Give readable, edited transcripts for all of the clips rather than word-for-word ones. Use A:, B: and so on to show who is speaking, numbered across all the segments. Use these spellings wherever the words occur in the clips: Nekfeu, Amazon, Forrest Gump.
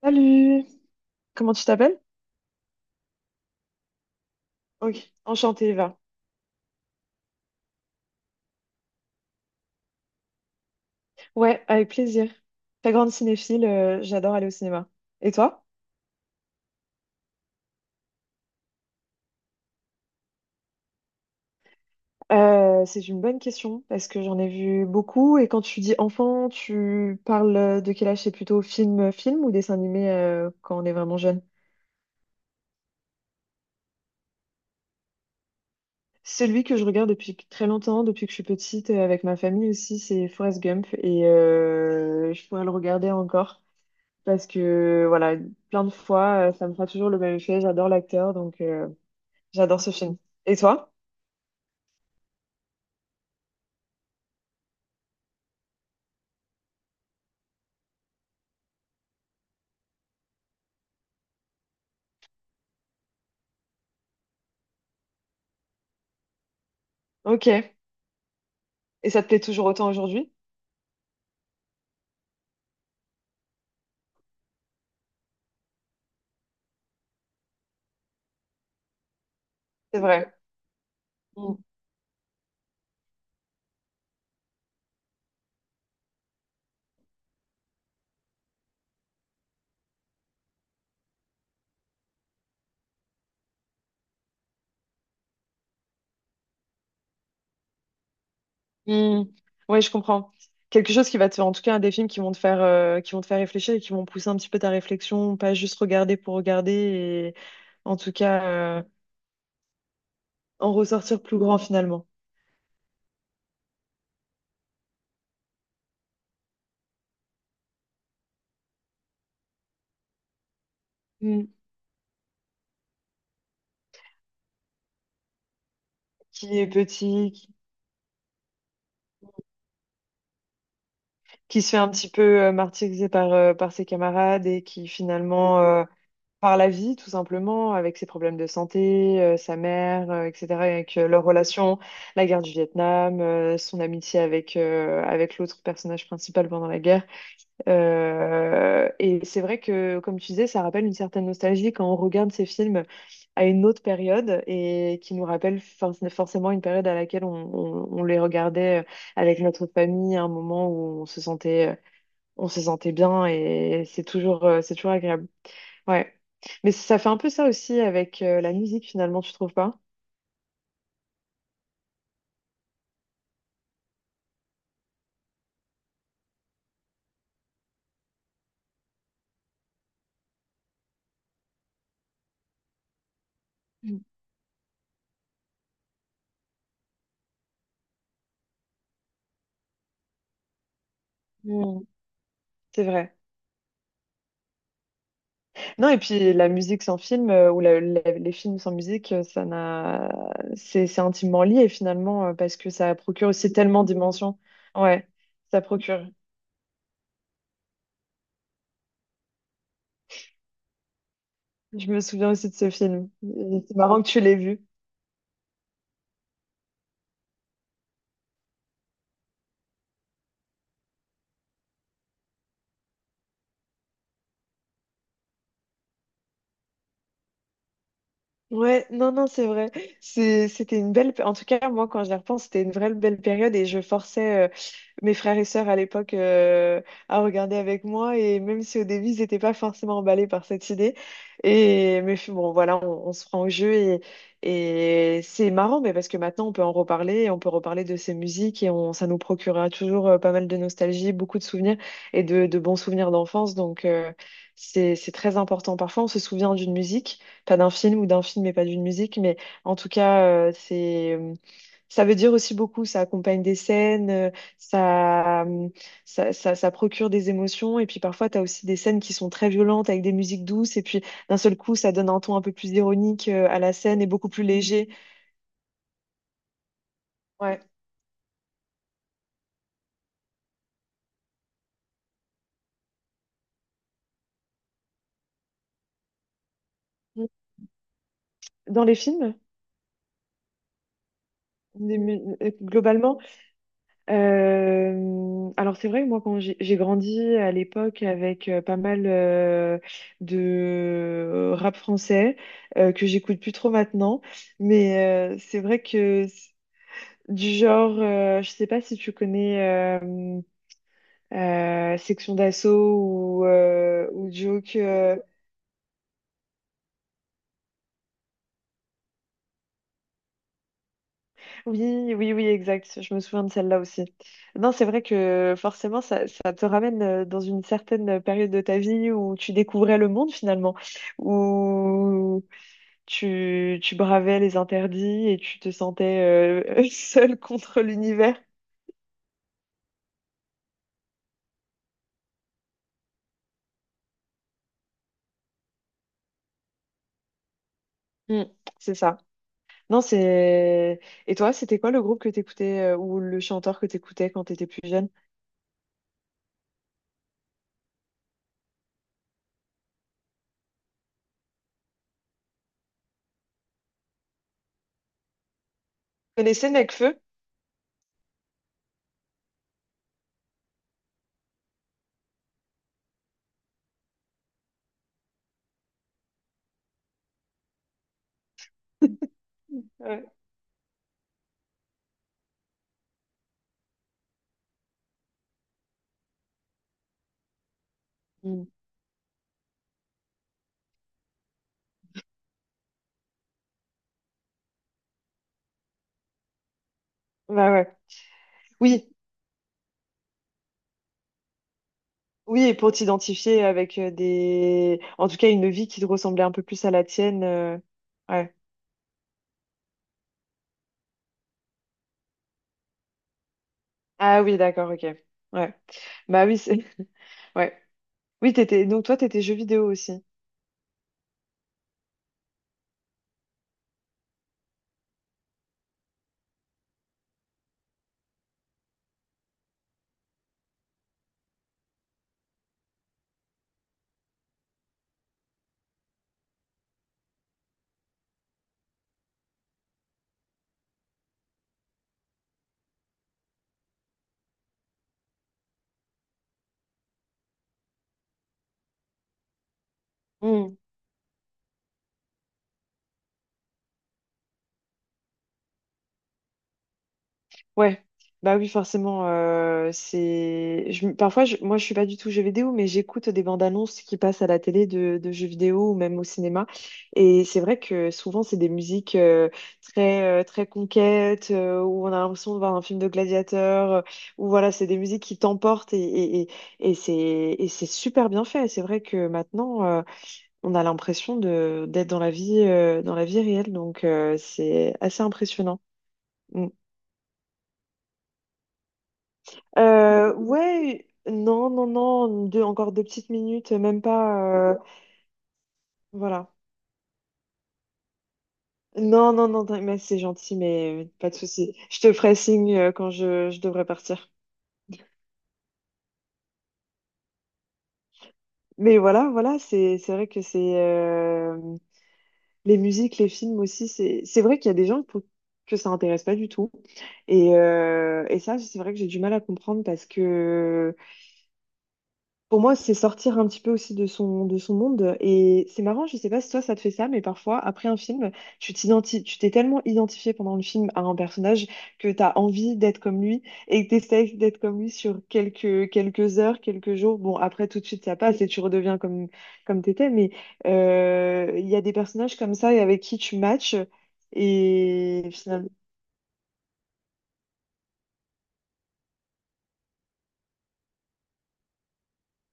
A: Salut! Comment tu t'appelles? Ok, enchantée Eva. Ouais, avec plaisir. Très grande cinéphile, j'adore aller au cinéma. Et toi? C'est une bonne question parce que j'en ai vu beaucoup et quand tu dis enfant, tu parles de quel âge? C'est plutôt film ou dessin animé quand on est vraiment jeune? Celui que je regarde depuis très longtemps, depuis que je suis petite, avec ma famille aussi, c'est Forrest Gump et je pourrais le regarder encore parce que voilà, plein de fois, ça me fera toujours le même effet. J'adore l'acteur donc. J'adore ce film. Et toi? Ok. Et ça te plaît toujours autant aujourd'hui? C'est vrai. Mm. Mm. Ouais, je comprends. Quelque chose qui va te faire, en tout cas, des films qui vont te faire, qui vont te faire réfléchir et qui vont pousser un petit peu ta réflexion, pas juste regarder pour regarder et en tout cas euh, en ressortir plus grand finalement. Mm. Qui est petit, qui se fait un petit peu martyriser par, par ses camarades et qui finalement par la vie, tout simplement, avec ses problèmes de santé, sa mère, etc., avec leur relation, la guerre du Vietnam, son amitié avec, avec l'autre personnage principal pendant la guerre. Et c'est vrai que, comme tu disais, ça rappelle une certaine nostalgie quand on regarde ces films à une autre période et qui nous rappelle forcément une période à laquelle on les regardait avec notre famille, à un moment où on se sentait bien et c'est toujours agréable. Ouais. Mais ça fait un peu ça aussi avec la musique finalement, tu trouves pas? Mm. Mm. C'est vrai. Non, et puis la musique sans film ou les films sans musique, ça n'a, c'est intimement lié finalement parce que ça procure aussi tellement d'émotions. Ouais, ça procure. Je me souviens aussi de ce film. Et c'est marrant que tu l'aies vu. Ouais, non, non, c'est vrai. C'était une belle. En tout cas, moi, quand j'y repense, c'était une vraie belle période et je forçais mes frères et sœurs à l'époque à regarder avec moi, et même si au début ils n'étaient pas forcément emballés par cette idée et mais bon voilà, on se prend au jeu, et c'est marrant mais parce que maintenant on peut en reparler et on peut reparler de ces musiques et on, ça nous procurera toujours pas mal de nostalgie, beaucoup de souvenirs et de bons souvenirs d'enfance donc c'est très important. Parfois on se souvient d'une musique pas d'un film, ou d'un film mais pas d'une musique, mais en tout cas c'est, ça veut dire aussi beaucoup, ça accompagne des scènes, ça, ça procure des émotions. Et puis parfois, tu as aussi des scènes qui sont très violentes avec des musiques douces. Et puis d'un seul coup, ça donne un ton un peu plus ironique à la scène et beaucoup plus léger. Ouais. Dans les films, globalement, alors c'est vrai que moi, quand j'ai grandi à l'époque avec pas mal de rap français que j'écoute plus trop maintenant. Mais c'est vrai que du genre, je sais pas si tu connais. euh, Section d'Assaut ou Joke. Euh, oui, oui, oui, exact. Je me souviens de celle-là aussi. Non, c'est vrai que forcément, ça te ramène dans une certaine période de ta vie où tu découvrais le monde finalement, où tu bravais les interdits et tu te sentais seul contre l'univers. Mm, c'est ça. Non, c'est... Et toi, c'était quoi le groupe que t'écoutais ou le chanteur que t'écoutais quand t'étais plus jeune? Tu connaissais Nekfeu? Ouais. Bah ouais. Oui, oui, et pour t'identifier avec des, en tout cas, une vie qui te ressemblait un peu plus à la tienne. Euh, ouais. Ah oui, d'accord, ok. Ouais. Bah oui, c'est. Ouais. Oui, t'étais. Donc toi, t'étais jeux vidéo aussi. Mmh. Ouais, bah oui, forcément. C'est... je me- parfois, moi, je suis pas du tout jeux vidéo, mais j'écoute des bandes annonces qui passent à la télé de jeux vidéo ou même au cinéma. Et c'est vrai que souvent, c'est des musiques très, très conquêtes, où on a l'impression de voir un film de gladiateur, où voilà, c'est des musiques qui t'emportent et c'est super bien fait. C'est vrai que maintenant, on a l'impression de, d'être dans la vie réelle, donc c'est assez impressionnant. Mm. Ouais, non, non, non, deux, encore deux petites minutes, même pas. Euh, voilà. Non, non, non, mais c'est gentil, mais pas de souci. Je te ferai signe quand je devrais partir. Mais voilà, voilà, c'est vrai que c'est les musiques, les films aussi, c'est vrai qu'il y a des gens pour que ça intéresse pas du tout. Et ça, c'est vrai que j'ai du mal à comprendre parce que pour moi, c'est sortir un petit peu aussi de son monde. Et c'est marrant, je sais pas si toi ça te fait ça, mais parfois, après un film, tu t'es tellement identifié pendant le film à un personnage que tu as envie d'être comme lui et que t'essayes d'être comme lui sur quelques heures, quelques jours. Bon, après, tout de suite, ça passe et tu redeviens comme, comme t'étais. Mais il y a des personnages comme ça et avec qui tu matches. Et finalement,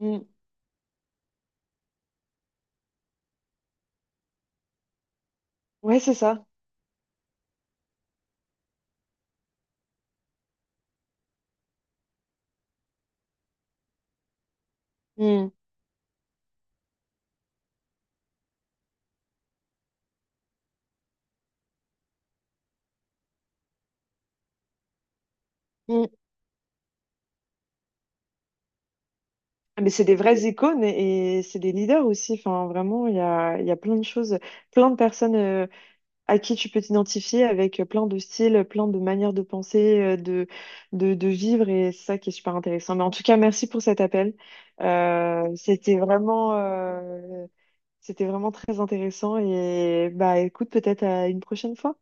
A: mm, ouais, c'est ça. Mm. Ah, mais c'est des vraies icônes et c'est des leaders aussi. Enfin, vraiment, il y a plein de choses, plein de personnes à qui tu peux t'identifier avec plein de styles, plein de manières de penser, de vivre et c'est ça qui est super intéressant. Mais en tout cas, merci pour cet appel. C'était vraiment, c'était vraiment très intéressant et bah écoute, peut-être à une prochaine fois.